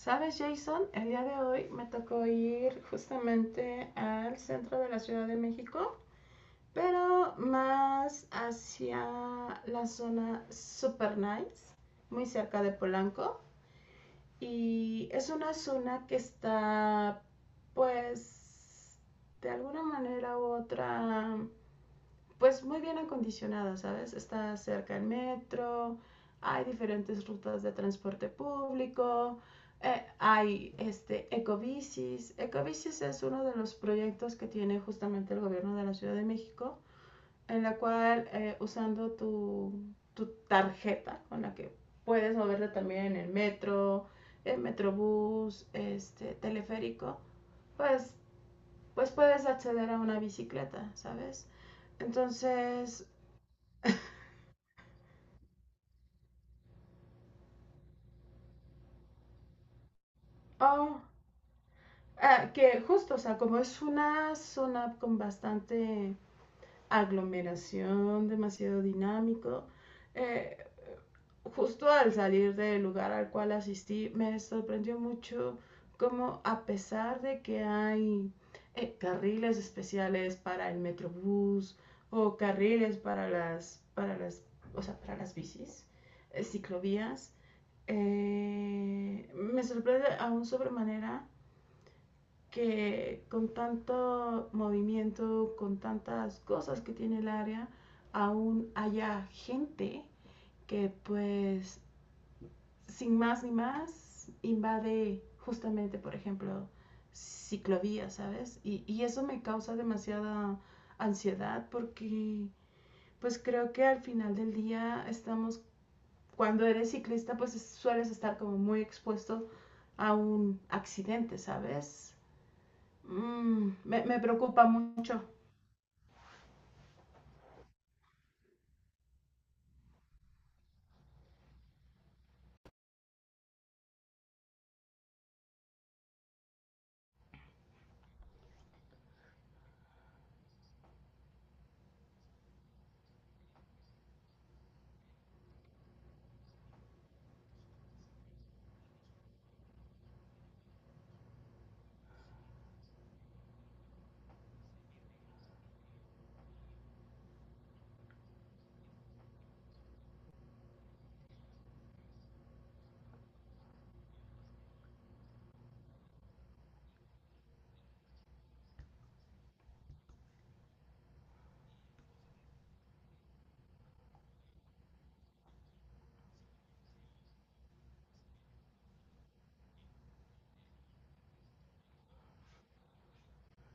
Sabes, Jason, el día de hoy me tocó ir justamente al centro de la Ciudad de México, pero más hacia la zona super nice, muy cerca de Polanco. Y es una zona que está, pues, de alguna manera u otra, pues muy bien acondicionada, ¿sabes? Está cerca el metro, hay diferentes rutas de transporte público, hay este, ecobicis. Ecobicis es uno de los proyectos que tiene justamente el gobierno de la Ciudad de México, en la cual usando tarjeta con la que puedes moverte también en el metro, el metrobús, este, teleférico, pues, pues puedes acceder a una bicicleta, ¿sabes? Entonces, Oh, que justo, o sea, como es una zona con bastante aglomeración, demasiado dinámico, eh, justo al salir del lugar al cual asistí, me sorprendió mucho cómo, a pesar de que hay carriles especiales para el metrobús o carriles para o sea, para las bicis, ciclovías, me sorprende aún sobremanera que, con tanto movimiento, con tantas cosas que tiene el área, aún haya gente que, pues, sin más ni más, invade justamente, por ejemplo, ciclovías, ¿sabes? Y eso me causa demasiada ansiedad porque, pues, creo que al final del día estamos, cuando eres ciclista, pues sueles estar como muy expuesto a un accidente, ¿sabes? Me preocupa mucho.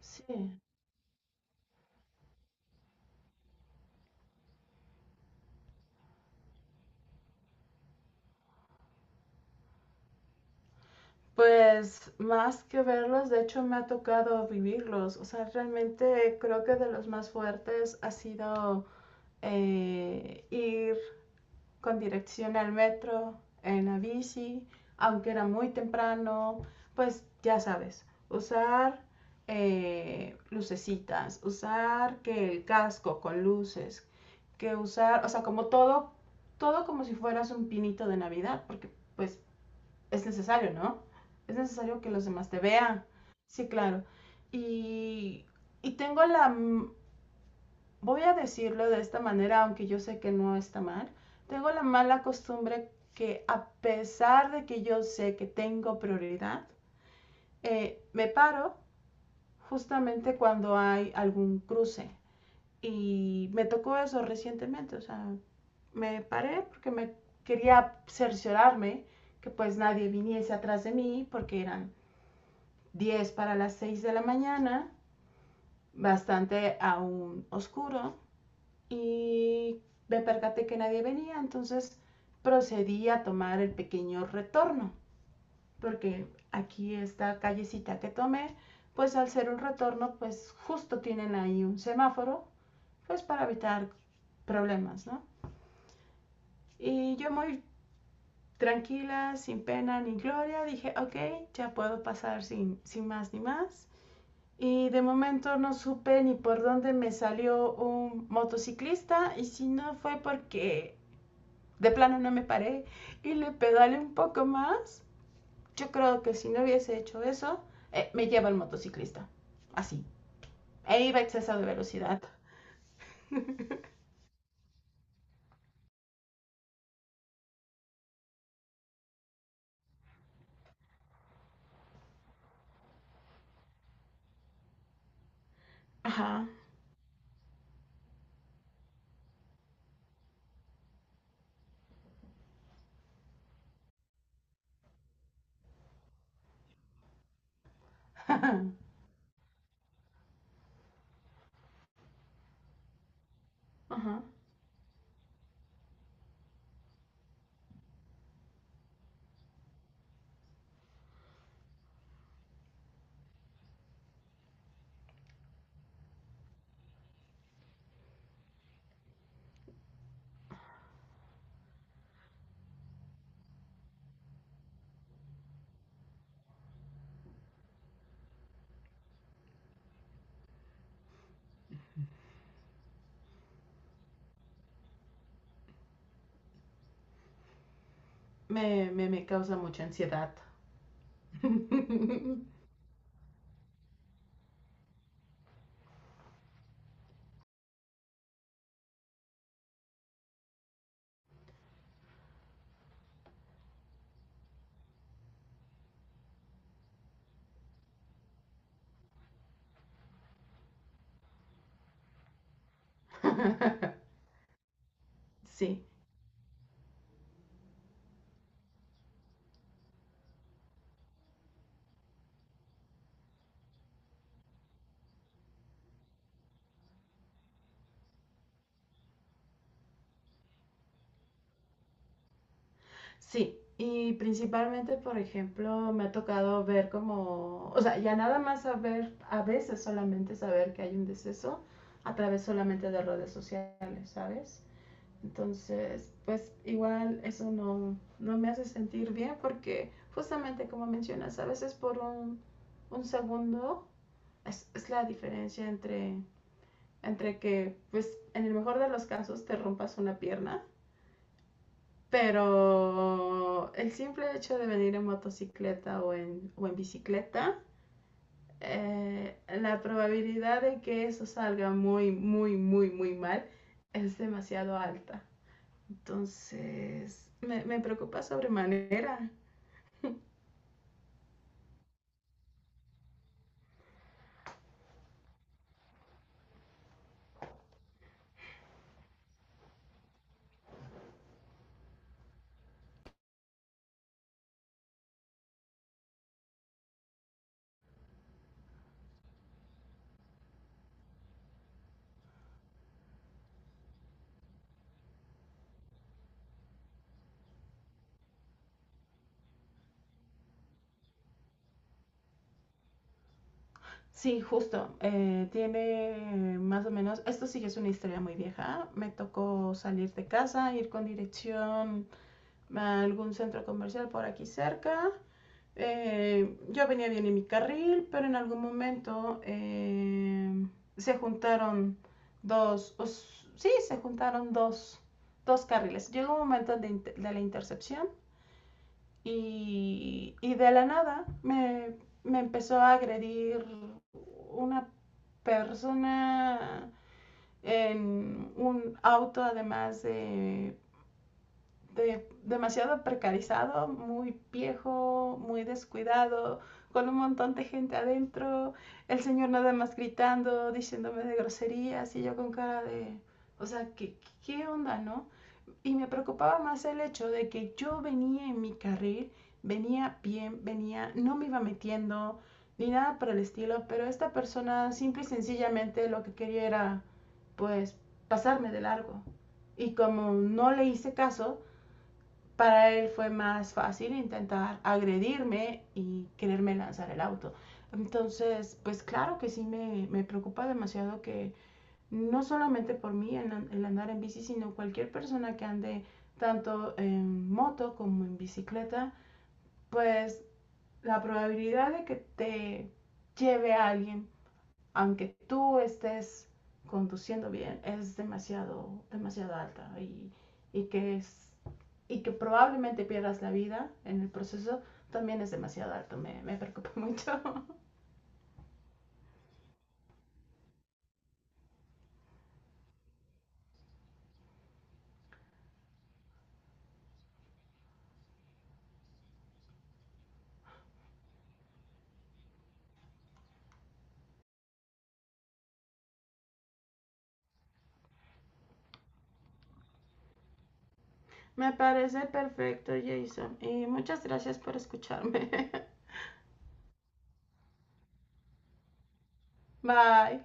Sí. Pues más que verlos, de hecho me ha tocado vivirlos. O sea, realmente creo que de los más fuertes ha sido ir con dirección al metro, en la bici. Aunque era muy temprano, pues ya sabes, usar lucecitas, usar que el casco con luces, que usar, o sea, como todo, todo como si fueras un pinito de Navidad, porque, pues, es necesario, ¿no? Es necesario que los demás te vean. Sí, claro. Y, y tengo voy a decirlo de esta manera, aunque yo sé que no está mal, tengo la mala costumbre que, a pesar de que yo sé que tengo prioridad, me paro justamente cuando hay algún cruce. Y me tocó eso recientemente, o sea, me paré porque me quería cerciorarme que, pues, nadie viniese atrás de mí, porque eran 10 para las 6 de la mañana, bastante aún oscuro. Y me percaté que nadie venía, entonces procedí a tomar el pequeño retorno, porque aquí esta callecita que tomé, pues al ser un retorno, pues justo tienen ahí un semáforo, pues para evitar problemas, ¿no? Y yo muy tranquila, sin pena ni gloria, dije, ok, ya puedo pasar sin, sin más ni más. Y de momento no supe ni por dónde me salió un motociclista, y si no fue porque de plano no me paré y le pedalé un poco más. Yo creo que si no hubiese hecho eso, me lleva el motociclista. Así. E iba a exceso de velocidad. Ajá. Ajá. Me causa mucha ansiedad. sí, sí Y principalmente, por ejemplo, me ha tocado ver como, o sea, ya nada más saber, a veces solamente saber que hay un deceso a través solamente de redes sociales, ¿sabes? Entonces, pues igual eso no, no me hace sentir bien porque, justamente como mencionas, a veces por un segundo es la diferencia entre, entre que, pues, en el mejor de los casos te rompas una pierna, pero el simple hecho de venir en motocicleta o en bicicleta, la probabilidad de que eso salga muy, muy, muy, muy mal es demasiado alta. Entonces, me preocupa sobremanera. Sí, justo. Tiene más o menos, esto sí es una historia muy vieja. Me tocó salir de casa, ir con dirección a algún centro comercial por aquí cerca. Yo venía bien en mi carril, pero en algún momento se juntaron dos, o sí, se juntaron dos carriles. Llegó un momento de la intercepción. Y de la nada me empezó a agredir una persona en un auto, además de demasiado precarizado, muy viejo, muy descuidado, con un montón de gente adentro, el señor nada más gritando, diciéndome de groserías, y yo con cara de, o sea, ¿qué, qué onda, no? Y me preocupaba más el hecho de que yo venía en mi carril, venía bien, venía, no me iba metiendo ni nada por el estilo, pero esta persona simple y sencillamente lo que quería era, pues, pasarme de largo. Y como no le hice caso, para él fue más fácil intentar agredirme y quererme lanzar el auto. Entonces, pues claro que sí, me preocupa demasiado que no solamente por mí el andar en bici, sino cualquier persona que ande tanto en moto como en bicicleta, pues la probabilidad de que te lleve a alguien, aunque tú estés conduciendo bien, es demasiado, demasiado alta, y que es, y que probablemente pierdas la vida en el proceso también es demasiado alto. Me preocupa mucho. Me parece perfecto, Jason, y muchas gracias por escucharme. Bye.